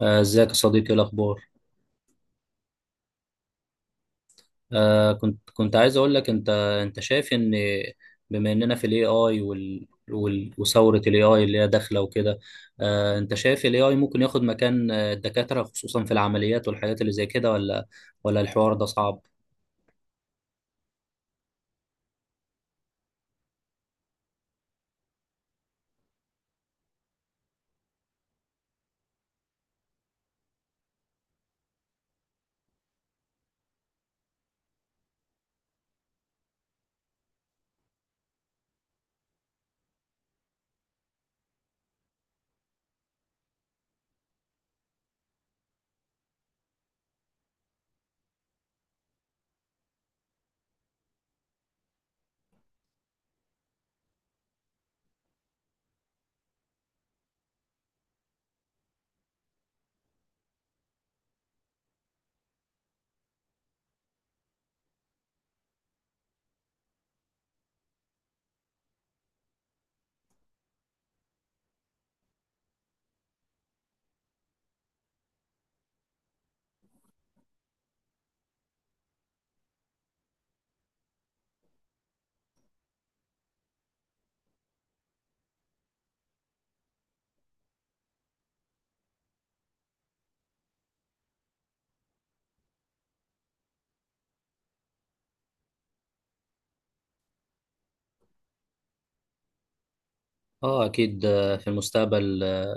آه، ازيك يا صديقي، إيه الاخبار؟ كنت عايز اقول لك، انت شايف ان، بما اننا في الاي اي وثوره الاي اي اللي هي داخله وكده، انت شايف الاي اي ممكن ياخد مكان الدكاتره، خصوصا في العمليات والحاجات اللي زي كده؟ ولا الحوار ده صعب؟ اه اكيد، في المستقبل،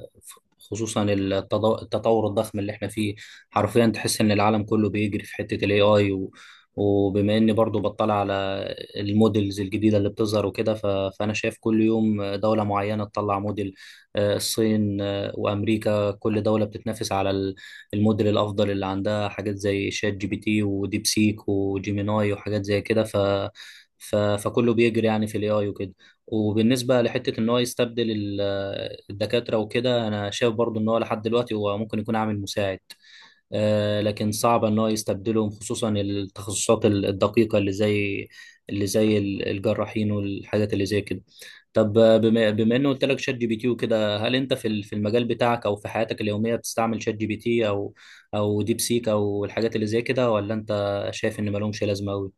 خصوصا التطور الضخم اللي احنا فيه. حرفيا تحس ان العالم كله بيجري في حتة الاي اي، وبما اني برضو بطلع على المودلز الجديدة اللي بتظهر وكده، فانا شايف كل يوم دولة معينة تطلع موديل. الصين وامريكا، كل دولة بتتنافس على الموديل الافضل اللي عندها حاجات زي شات جي بي تي وديب سيك وجيميناي وحاجات زي كده، فكله بيجري يعني في الاي اي وكده. وبالنسبة لحتة إن هو يستبدل الدكاترة وكده، أنا شايف برضو إن هو لحد دلوقتي هو ممكن يكون عامل مساعد، لكن صعب إن هو يستبدلهم، خصوصا التخصصات الدقيقة اللي زي الجراحين والحاجات اللي زي كده. طب، بما إنه قلت لك شات جي بي تي وكده، هل أنت في في المجال بتاعك أو في حياتك اليومية بتستعمل شات جي بي تي أو ديب سيك أو الحاجات اللي زي كده، ولا أنت شايف إن مالهمش لازمة أوي؟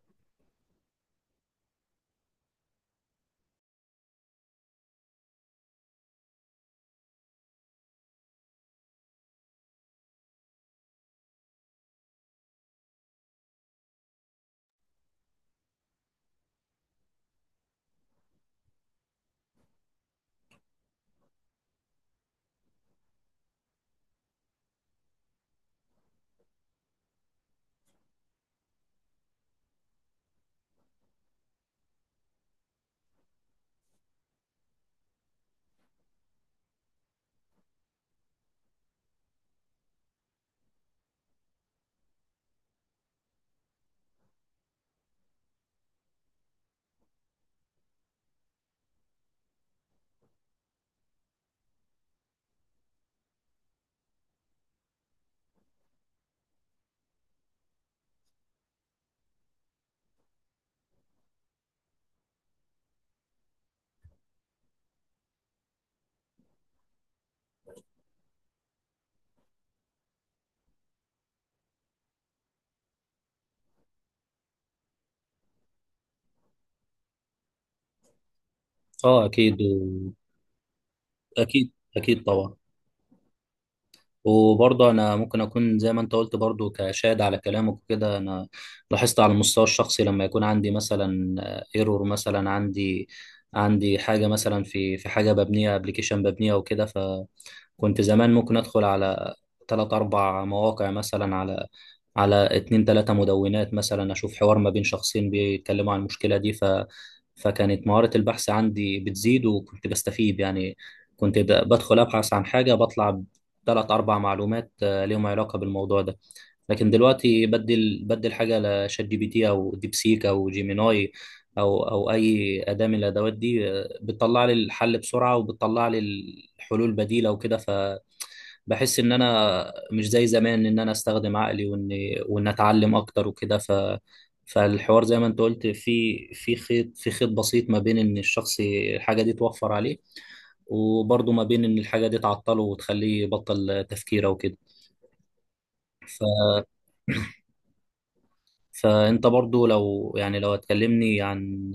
أه أكيد. أكيد أكيد طبعا. وبرضه انا ممكن اكون زي ما انت قلت، برضه كشاهد على كلامك وكده. انا لاحظت على المستوى الشخصي لما يكون عندي مثلا ايرور، مثلا عندي حاجه مثلا، في حاجه ببنيها، ابلكيشن ببنيها وكده. كنت زمان ممكن ادخل على ثلاث اربع مواقع مثلا، على اتنين تلاتة مدونات مثلا، اشوف حوار ما بين شخصين بيتكلموا عن المشكلة دي، فكانت مهارة البحث عندي بتزيد، وكنت بستفيد يعني. كنت بدخل ابحث عن حاجة، بطلع بثلاث اربع معلومات ليهم علاقة بالموضوع ده. لكن دلوقتي بدل حاجة لشات جي بي تي او ديب سيك او جيميناي، او اي أداة من الادوات دي، بتطلع لي الحل بسرعة، وبتطلع لي الحلول بديلة وكده. فبحس ان انا مش زي زمان، ان انا استخدم عقلي، وان اتعلم اكتر وكده. فالحوار زي ما انت قلت، في خيط، في خيط بسيط ما بين ان الشخص الحاجة دي توفر عليه، وبرضه ما بين ان الحاجة دي تعطله وتخليه يبطل تفكيره وكده. ف فانت برضه، لو هتكلمني عن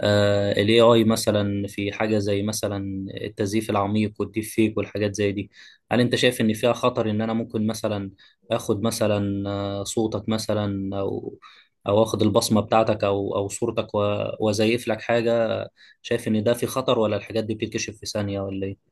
ال AI مثلا في حاجة زي مثلا التزييف العميق والديب فيك والحاجات زي دي، هل انت شايف ان فيها خطر، ان انا ممكن مثلا اخد مثلا صوتك مثلا، او اخد البصمة بتاعتك او صورتك، وازيف لك حاجة؟ شايف ان ده في خطر، ولا الحاجات دي بتتكشف في ثانية ولا ايه؟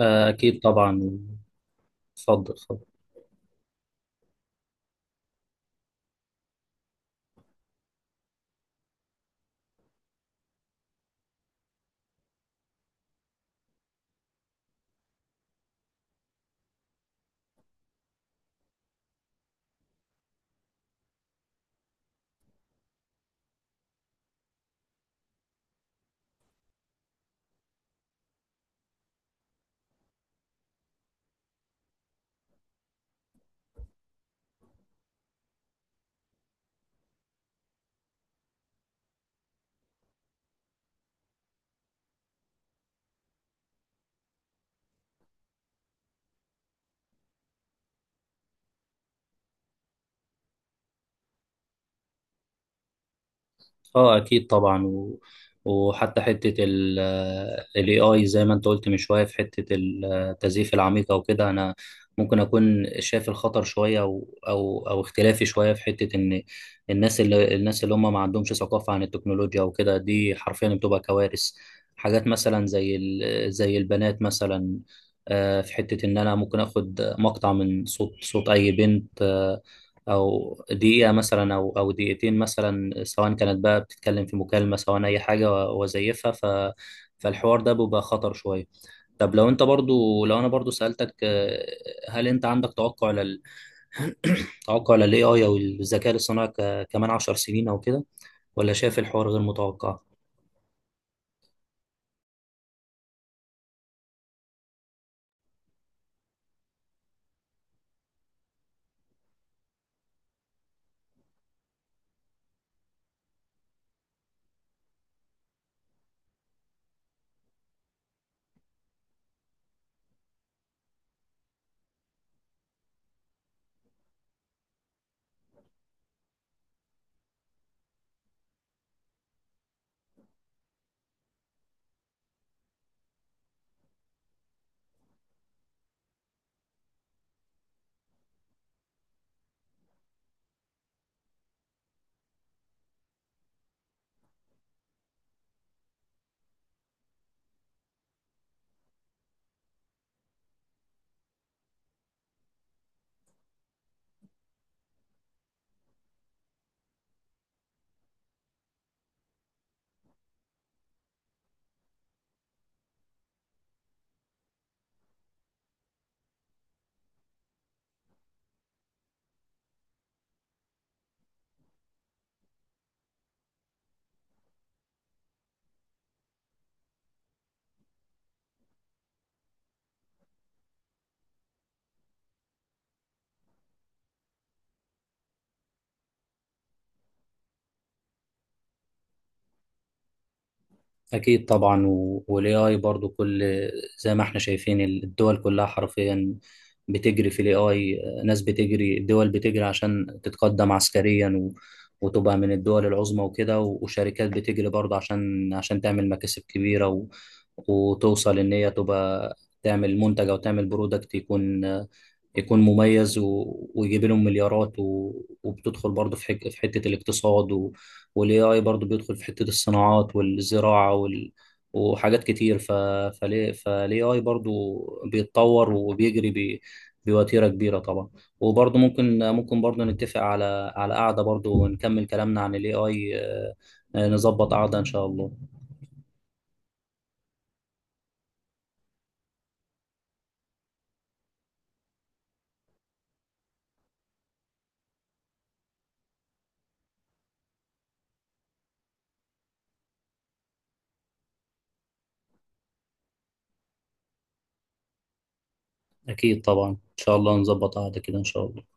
اكيد طبعا. اتفضل اتفضل. اه اكيد طبعا. وحتى حته ال AI زي ما انت قلت من شويه، في حته التزييف العميقه وكده، انا ممكن اكون شايف الخطر شويه، او اختلافي شويه في حته ان الناس اللي هم ما عندهمش ثقافه عن التكنولوجيا وكده، دي حرفيا بتبقى كوارث. حاجات مثلا زي البنات مثلا، في حته ان انا ممكن اخد مقطع من صوت اي بنت، او دقيقه مثلا او دقيقتين مثلا، سواء كانت بقى بتتكلم في مكالمه، سواء اي حاجه، وزيفها. فالحوار ده بيبقى خطر شويه. طب، لو انا برضو سالتك، هل انت عندك توقع لل توقع للاي اي او الذكاء الاصطناعي، كمان 10 سنين او كده، ولا شايف الحوار غير متوقع؟ أكيد طبعا. وال AI برضو، كل زي ما احنا شايفين الدول كلها حرفيا بتجري في ال AI. ناس بتجري، الدول بتجري عشان تتقدم عسكريا، وتبقى من الدول العظمى وكده، وشركات بتجري برضه عشان تعمل مكاسب كبيرة، وتوصل إن هي تبقى تعمل منتج أو تعمل برودكت، يكون مميز، ويجيب لهم مليارات، وبتدخل برضه في حتة الاقتصاد، والاي اي برضه بيدخل في حتة الصناعات والزراعة وحاجات كتير. ف... فليه فالاي اي برضه بيتطور وبيجري بوتيرة كبيرة طبعا. وبرضه، ممكن برضه نتفق على قعدة برضه، ونكمل كلامنا عن الاي اي، نظبط قعدة ان شاء الله. اكيد طبعا، ان شاء الله نظبط قعدة كده ان شاء الله.